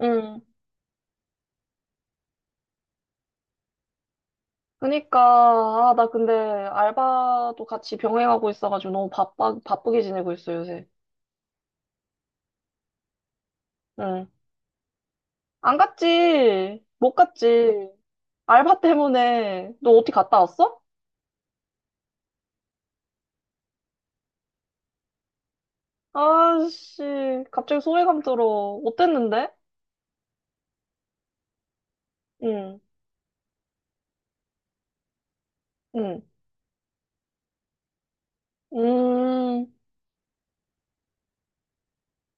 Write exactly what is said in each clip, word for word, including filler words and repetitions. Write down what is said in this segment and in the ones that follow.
응. 그니까, 아, 나 근데 알바도 같이 병행하고 있어가지고 너무 바빠, 바쁘게 지내고 있어, 요새. 응. 안 갔지. 못 갔지. 알바 때문에. 너 어디 갔다 왔어? 아씨, 갑자기 소외감 들어. 어땠는데? 응, 응. 음,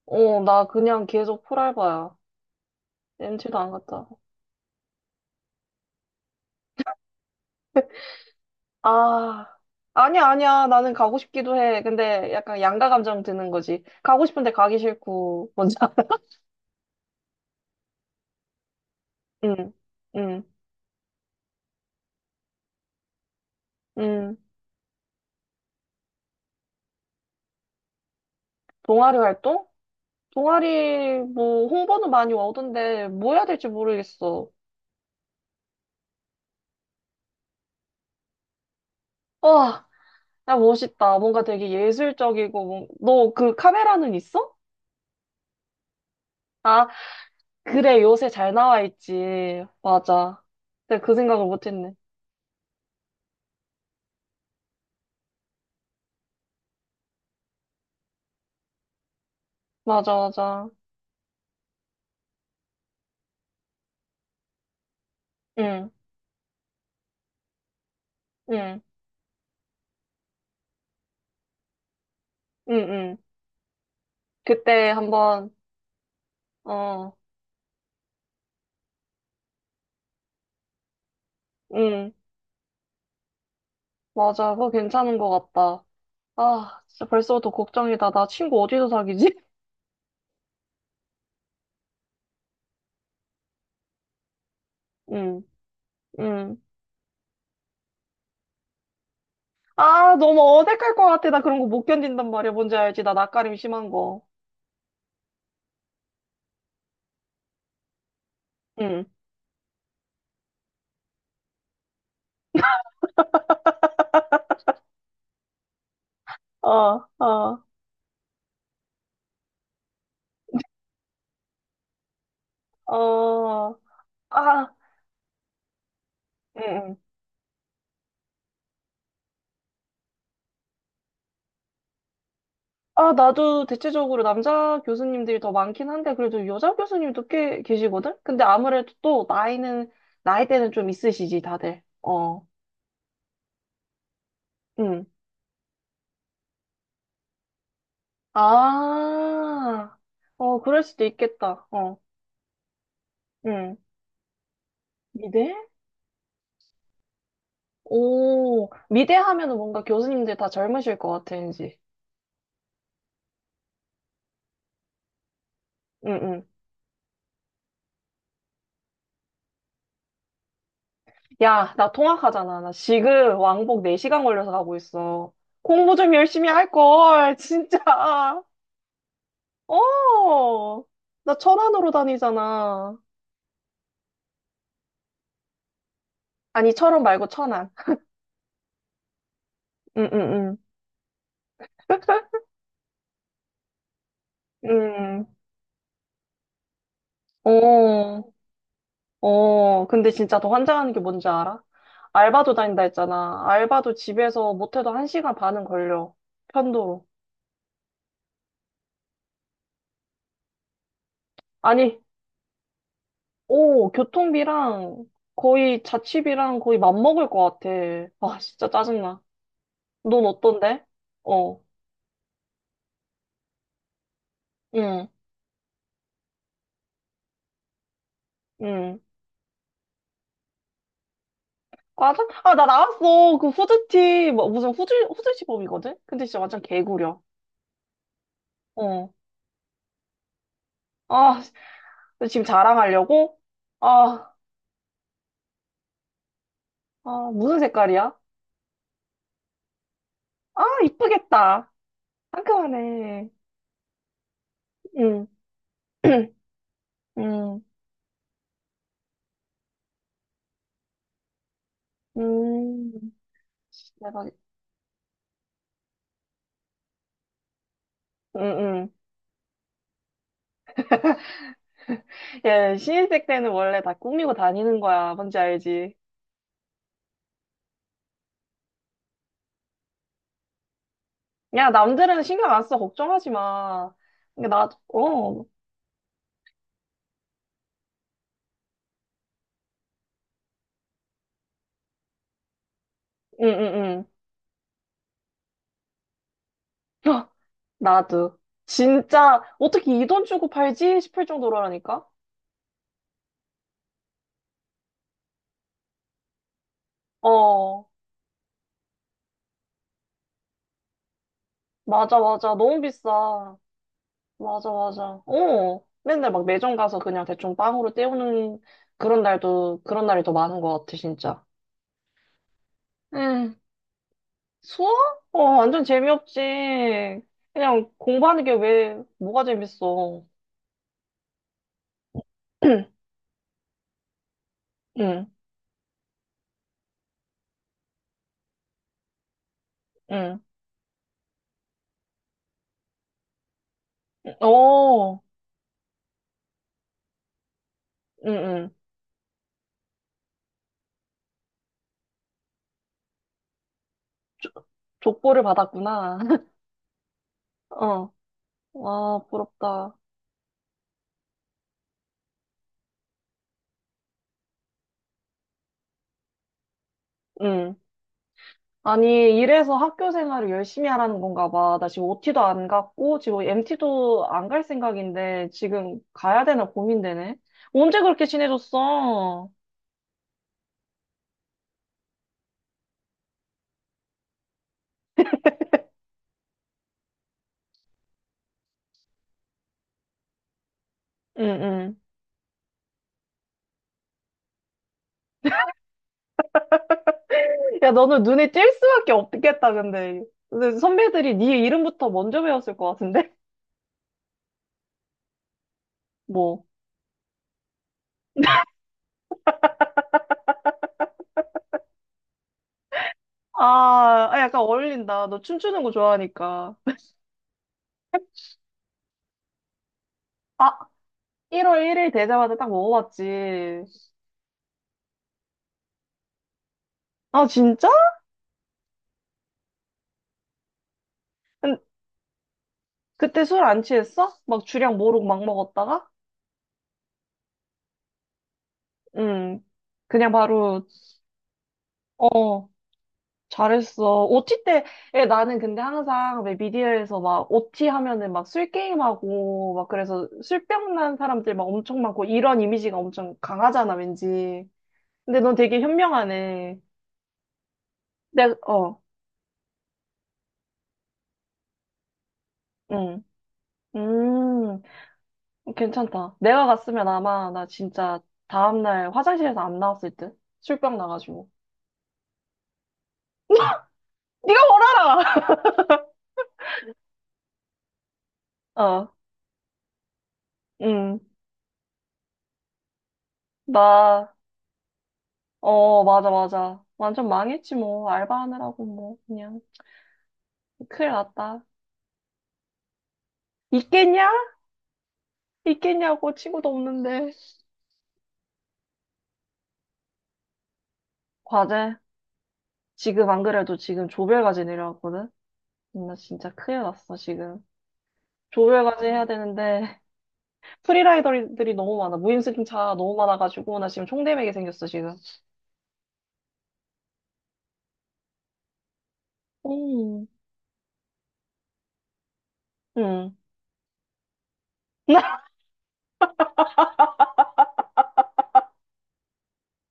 어, 나 그냥 계속 풀알바야. m 티도 안 갔다. 아, 아니야, 아니야. 나는 가고 싶기도 해. 근데 약간 양가 감정 드는 거지. 가고 싶은데 가기 싫고. 뭔지 응, 응, 응. 동아리 활동? 동아리 뭐 홍보는 많이 오던데 뭐 해야 될지 모르겠어. 와, 야 멋있다. 뭔가 되게 예술적이고 너 그 카메라는 있어? 아, 그래 요새 잘 나와 있지. 맞아. 근데 그 생각을 못했네. 맞아, 맞아. 응, 응, 응, 응. 그때 한번 어, 응, 맞아. 그거 괜찮은 것 같다. 아, 진짜 벌써부터 걱정이다. 나 친구 어디서 사귀지? 응, 응. 아, 너무 어색할 것 같아. 나 그런 거 못 견딘단 말이야. 뭔지 알지? 나 낯가림 심한 거. 응. 어, 어, 어. 아, 응, 응. 아, 나도 대체적으로 남자 교수님들이 더 많긴 한데, 그래도 여자 교수님도 꽤 계시거든? 근데 아무래도 또 나이는, 나이대는 좀 있으시지, 다들. 어, 응. 아, 어, 그럴 수도 있겠다. 어, 응. 미대? 오, 미대 하면은 뭔가 교수님들 다 젊으실 것 같아, 왠지. 응, 응. 야, 나 통학하잖아. 나 지금 왕복 네 시간 걸려서 가고 있어. 공부 좀 열심히 할 걸, 진짜. 어, 나 천안으로 다니잖아. 아니, 철원 말고 천안. 응, 응, 응. 응. 어, 어. 근데 진짜 더 환장하는 게 뭔지 알아? 알바도 다닌다 했잖아. 알바도 집에서 못해도 한 시간 반은 걸려. 편도로. 아니, 오, 교통비랑 거의 자취비랑 거의 맞먹을 것 같아. 아, 진짜 짜증나. 넌 어떤데? 어, 응, 응. 과자? 아, 나 나왔어. 그 후드티, 뭐, 무슨 후드, 후드 시범이거든? 근데 진짜 완전 개구려. 어. 아, 너 지금 자랑하려고? 아, 아, 무슨 색깔이야? 아, 이쁘겠다. 상큼하네. 응, 응, 응. 대박. 응, 응. 예, 신입생 때는 원래 다 꾸미고 다니는 거야. 뭔지 알지? 야, 남들은 신경 안 써. 걱정하지 마. 그러니까 나, 어, 응, 응, 응. 헉, 나도. 진짜, 어떻게 이 돈 주고 팔지 싶을 정도라니까? 어, 맞아, 맞아. 너무 비싸. 맞아, 맞아. 어, 맨날 막 매점 가서 그냥 대충 빵으로 때우는 그런 날도, 그런 날이 더 많은 것 같아, 진짜. 응. 수학? 어, 완전 재미없지. 그냥 공부하는 게 왜, 뭐가 재밌어. 응, 응. 어, 응, 응. 조- 족보를 받았구나. 어, 와, 부럽다. 응. 아니, 이래서 학교 생활을 열심히 하라는 건가 봐. 나 지금 오티도 안 갔고, 지금 엠티도 안 갈 생각인데, 지금 가야 되나 고민되네. 언제 그렇게 친해졌어? 응, 응. 야, 너는 눈에 띌 수밖에 없겠다, 근데. 근데 선배들이 네 이름부터 먼저 배웠을 것 같은데? 뭐. 아, 아, 약간 어울린다. 너 춤추는 거 좋아하니까. 아, 일 월 일 일 되자마자 딱 먹어봤지. 아, 진짜? 근- 그때 술 안 취했어? 막 주량 모르고 막 먹었다가? 음, 그냥 바로, 어, 잘했어. 오티 때, 에 나는 근데 항상 왜 미디어에서 막 오티 하면은 막 술 게임하고, 막 그래서 술병 난 사람들 막 엄청 많고, 이런 이미지가 엄청 강하잖아, 왠지. 근데 넌 되게 현명하네. 내가, 어, 응. 음, 괜찮다. 내가 갔으면 아마 나 진짜 다음날 화장실에서 안 나왔을 듯? 술병 나가지고. 네가 뭘 알아! 어, 음, 나, 어, 맞아, 맞아. 완전 망했지, 뭐. 알바하느라고, 뭐. 그냥. 큰일 났다. 있겠냐? 있겠냐고, 친구도 없는데. 과제. 지금 안 그래도 지금 조별과제 내려왔거든? 나 진짜 큰일 났어, 지금. 조별과제 해야 되는데, 프리라이더들이 너무 많아. 무임승차 너무 많아가지고, 나 지금 총대맥이 생겼어, 지금. 음. 음.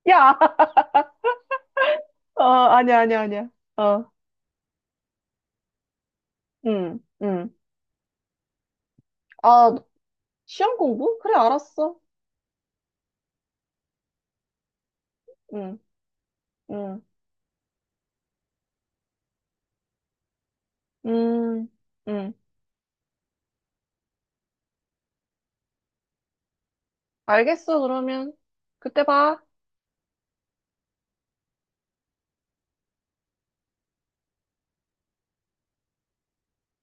야! 어, 아니야, 아니야, 아니야. 어, 응, 응. 아, 시험 공부? 그래, 알았어. 응, 응. 음, 음. 알겠어, 그러면. 그때 봐.